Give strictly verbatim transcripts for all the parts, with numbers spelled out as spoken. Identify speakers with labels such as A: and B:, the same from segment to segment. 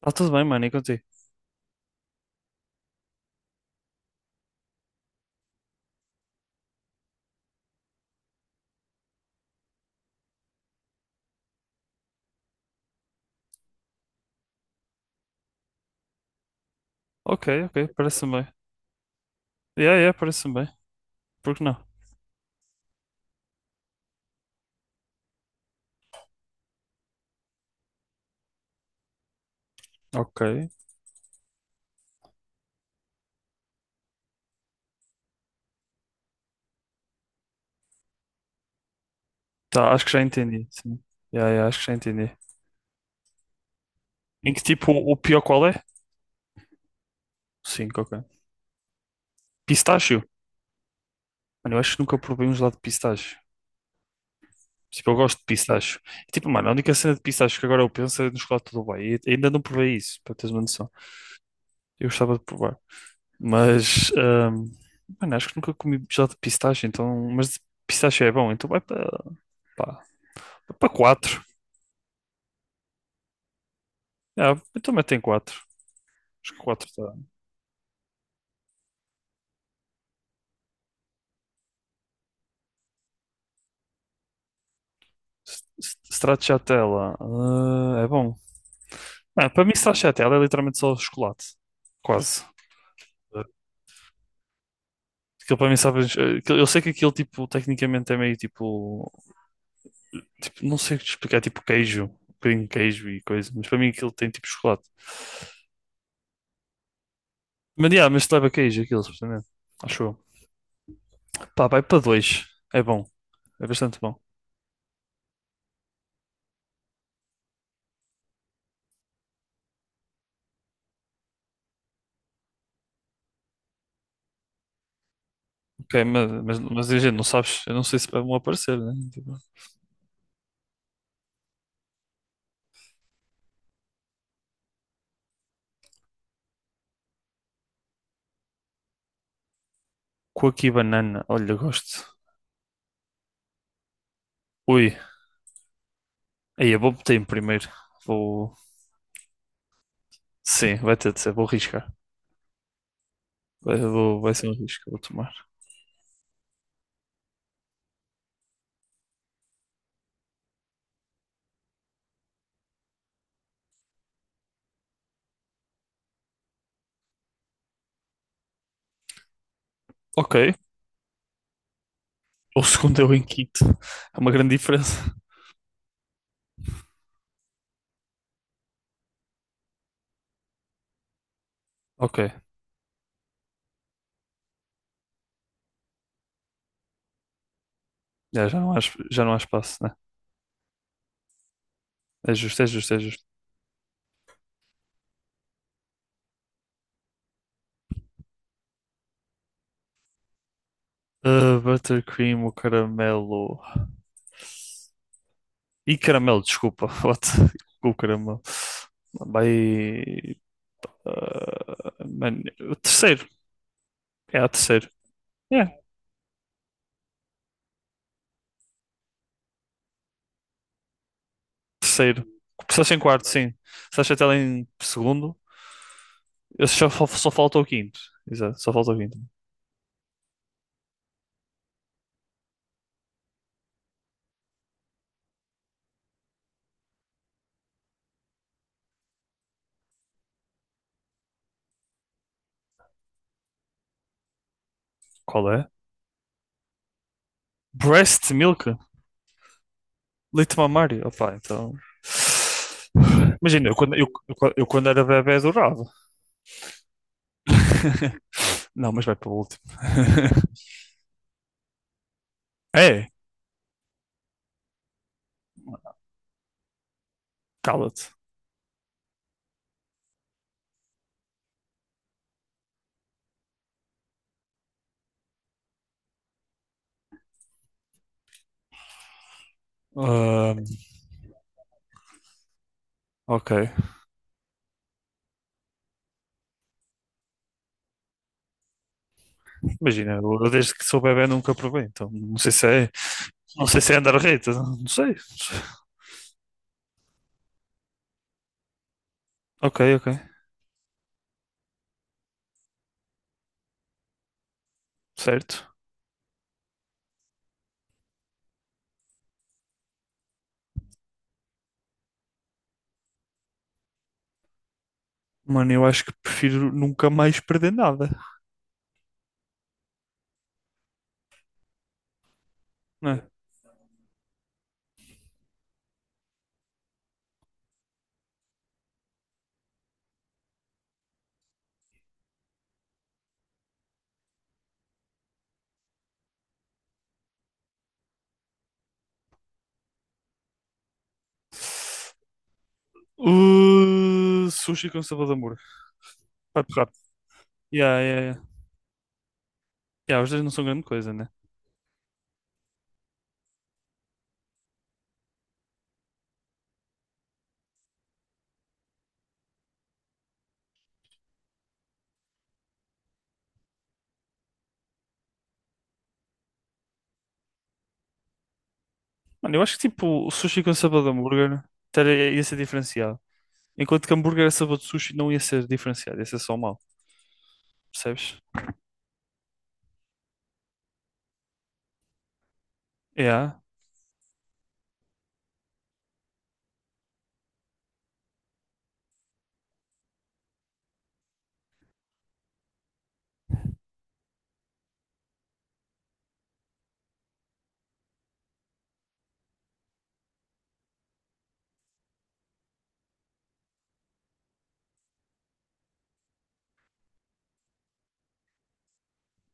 A: Tá tudo bem, mano, e contigo? Ok, ok, parece-me bem. Yeah, yeah, parece-me bem. Por que não? Ok. Tá, acho que já entendi. Sim. Yeah, yeah, acho que já entendi. Em que tipo o pior qual é? cinco, ok. Pistácio? Mano, eu acho que nunca provei um gelado de pistácio. Tipo, eu gosto de pistácio. E, tipo, mano, a única cena de pistácio que agora eu penso é no chocolate do Dubai. E ainda não provei isso, para teres uma noção. Eu gostava de provar. Mas, ahm, mano, acho que nunca comi gelado de pistácio, então. Mas de pistácio é bom, então vai para pá, para quatro. Ah, então metem quatro. Os quatro 4. S- s- Stracciatella. Ah, é bom. Ah, para mim, Stracciatella é literalmente só chocolate. Quase. Ah, aquilo para mim, sabe. ah, aquilo- Eu sei que aquilo, tipo, tecnicamente é meio tipo. Tipo, não sei explicar, tipo queijo. Um bocadinho de queijo e coisa. Mas para mim, aquilo tem tipo chocolate. Mas, yeah, mas leva queijo, aquilo, supostamente. Acho eu. Pá, vai para dois. É bom. É bastante bom. Ok, mas, mas, mas gente, não sabes. Eu não sei se vai vão aparecer, né? Tipo, coco e banana. Olha, gosto. Ui. Aí eu vou meter em primeiro. Vou. Sim, vai ter de ser. Vou arriscar. Vai, vou- vai ser um risco que eu vou tomar. Ok. O segundo é o em quinto. É uma grande diferença. Ok. Já, já não há, es- já não há espaço, né? É justo, é justo, é justo. Ah, buttercream, o caramelo. E caramelo, desculpa. What? O caramelo. Vai. ah, man, o terceiro. É, o terceiro. É, terceiro. Começaste em quarto, sim. Começaste até lá em segundo. Esse só, fal- só falta o quinto. Exato, só falta o quinto. Qual é? Breast milk? Leite mamário? Opá, então. Imagina, eu quando, eu, eu- eu quando era bebê adorava. Não, mas vai para o último. É, cala-te. Ahm, ok. Imagina, eu, eu desde que sou bebê nunca provei, então não sei se é. Não sei se é andar reta, não sei. Ok, ok. Certo. Mano, eu acho que prefiro nunca mais perder nada, né? Uh, sushi com sabor de amor. Pato Rato. Yeah, yeah, yeah. Yeah, os dois não são grande coisa, né? Mano, eu acho que tipo o sushi com sabor de hambúrguer teria- ia ser diferenciado. Enquanto que hambúrguer a sabor de sushi não ia ser diferenciado, ia ser só mal. Percebes? Yeah.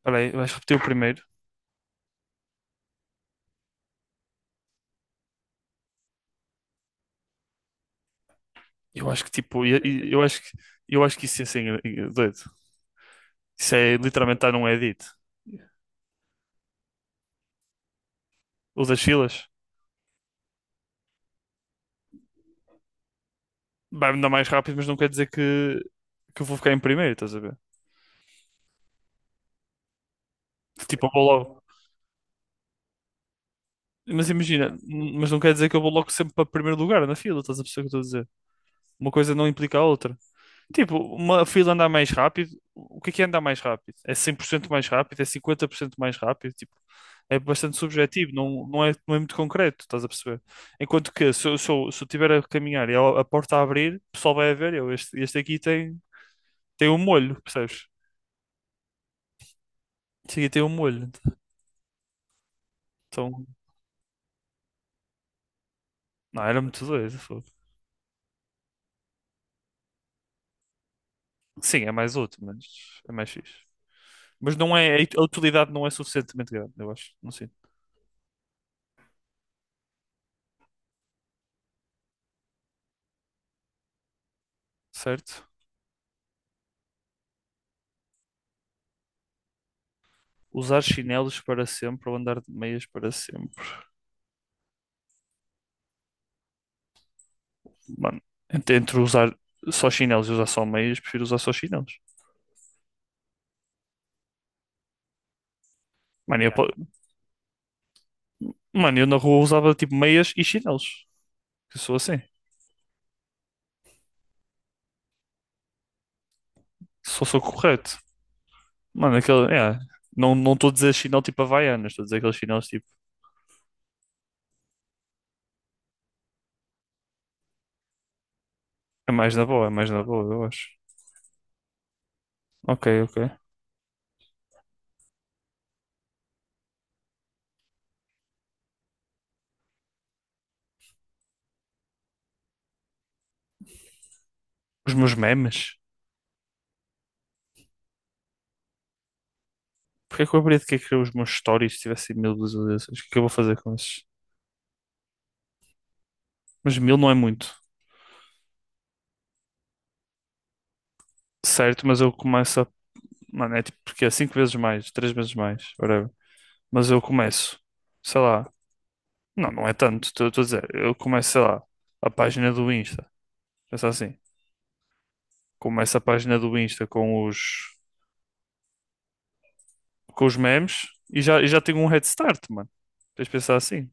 A: Espera aí, vais repetir o primeiro. Eu acho que tipo, ia- ia- eu acho que, eu acho que isso ia ser engra- engra- doido. Isso é literalmente estar num edit. O das filas vai-me dar mais rápido, mas não quer dizer que, que eu vou ficar em primeiro, estás a ver? Tipo, eu vou logo. Mas imagina, mas não quer dizer que eu vou logo sempre para primeiro lugar na fila, estás a perceber o que eu estou a dizer? Uma coisa não implica a outra. Tipo, uma fila andar mais rápido, o que é que é andar mais rápido? É cem por cento mais rápido? É cinquenta por cento mais rápido? Tipo, é bastante subjetivo, não, não é, não é muito concreto, estás a perceber? Enquanto que se eu, se eu, se eu tiver a caminhar e a, a porta a abrir, o pessoal vai a ver, eu, este, este aqui tem, tem um molho, percebes? Este aqui tem um molho. Então, não, era muito doido. Fogo. Sim, é mais útil, mas é mais fixe. Mas não é, a utilidade não é suficientemente grande, eu acho. Não sei. Certo? Usar chinelos para sempre ou andar de meias para sempre? Mano, entre entre usar só chinelos e usar só meias, prefiro usar só chinelos. Mano, eu, yeah. po- mano, eu na rua usava tipo meias e chinelos. Eu sou assim. Só sou correto. Mano, aquele. É, não não estou a dizer chinelo tipo Havaianas, estou a dizer aqueles chinelos tipo. É mais na boa, é mais na boa, eu acho. Ok, ok. Os meus memes? Porquê que eu haveria de querer criar os meus stories se tivessem mil visualizações? O que é que eu vou fazer com esses? Mas mil não é muito. Certo, mas eu começo a. Mano, é tipo, porque é cinco vezes mais, três vezes mais, whatever. Mas eu começo, sei lá, não, não é tanto, estou estou a dizer, eu começo, sei lá, a página do Insta, pensa assim, começo a página do Insta com os, com os memes e já, e já tenho um head start, mano. Tens de pensar assim.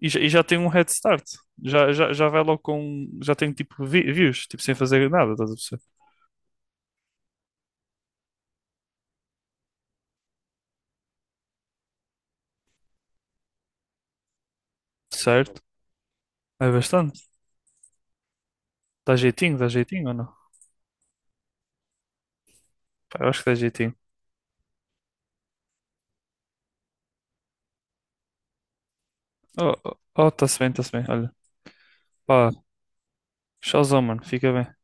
A: E já, e já tenho um head start. Já, já, já vai logo com, já tenho tipo vi- views, tipo sem fazer nada, estás a perceber? Certo? É bastante. Dá jeitinho, dá jeitinho ou não? Pá, eu acho que dá jeitinho. Oh, oh, oh, tá-se bem, tá-se bem, olha. Pá, showzão, mano. Fica bem.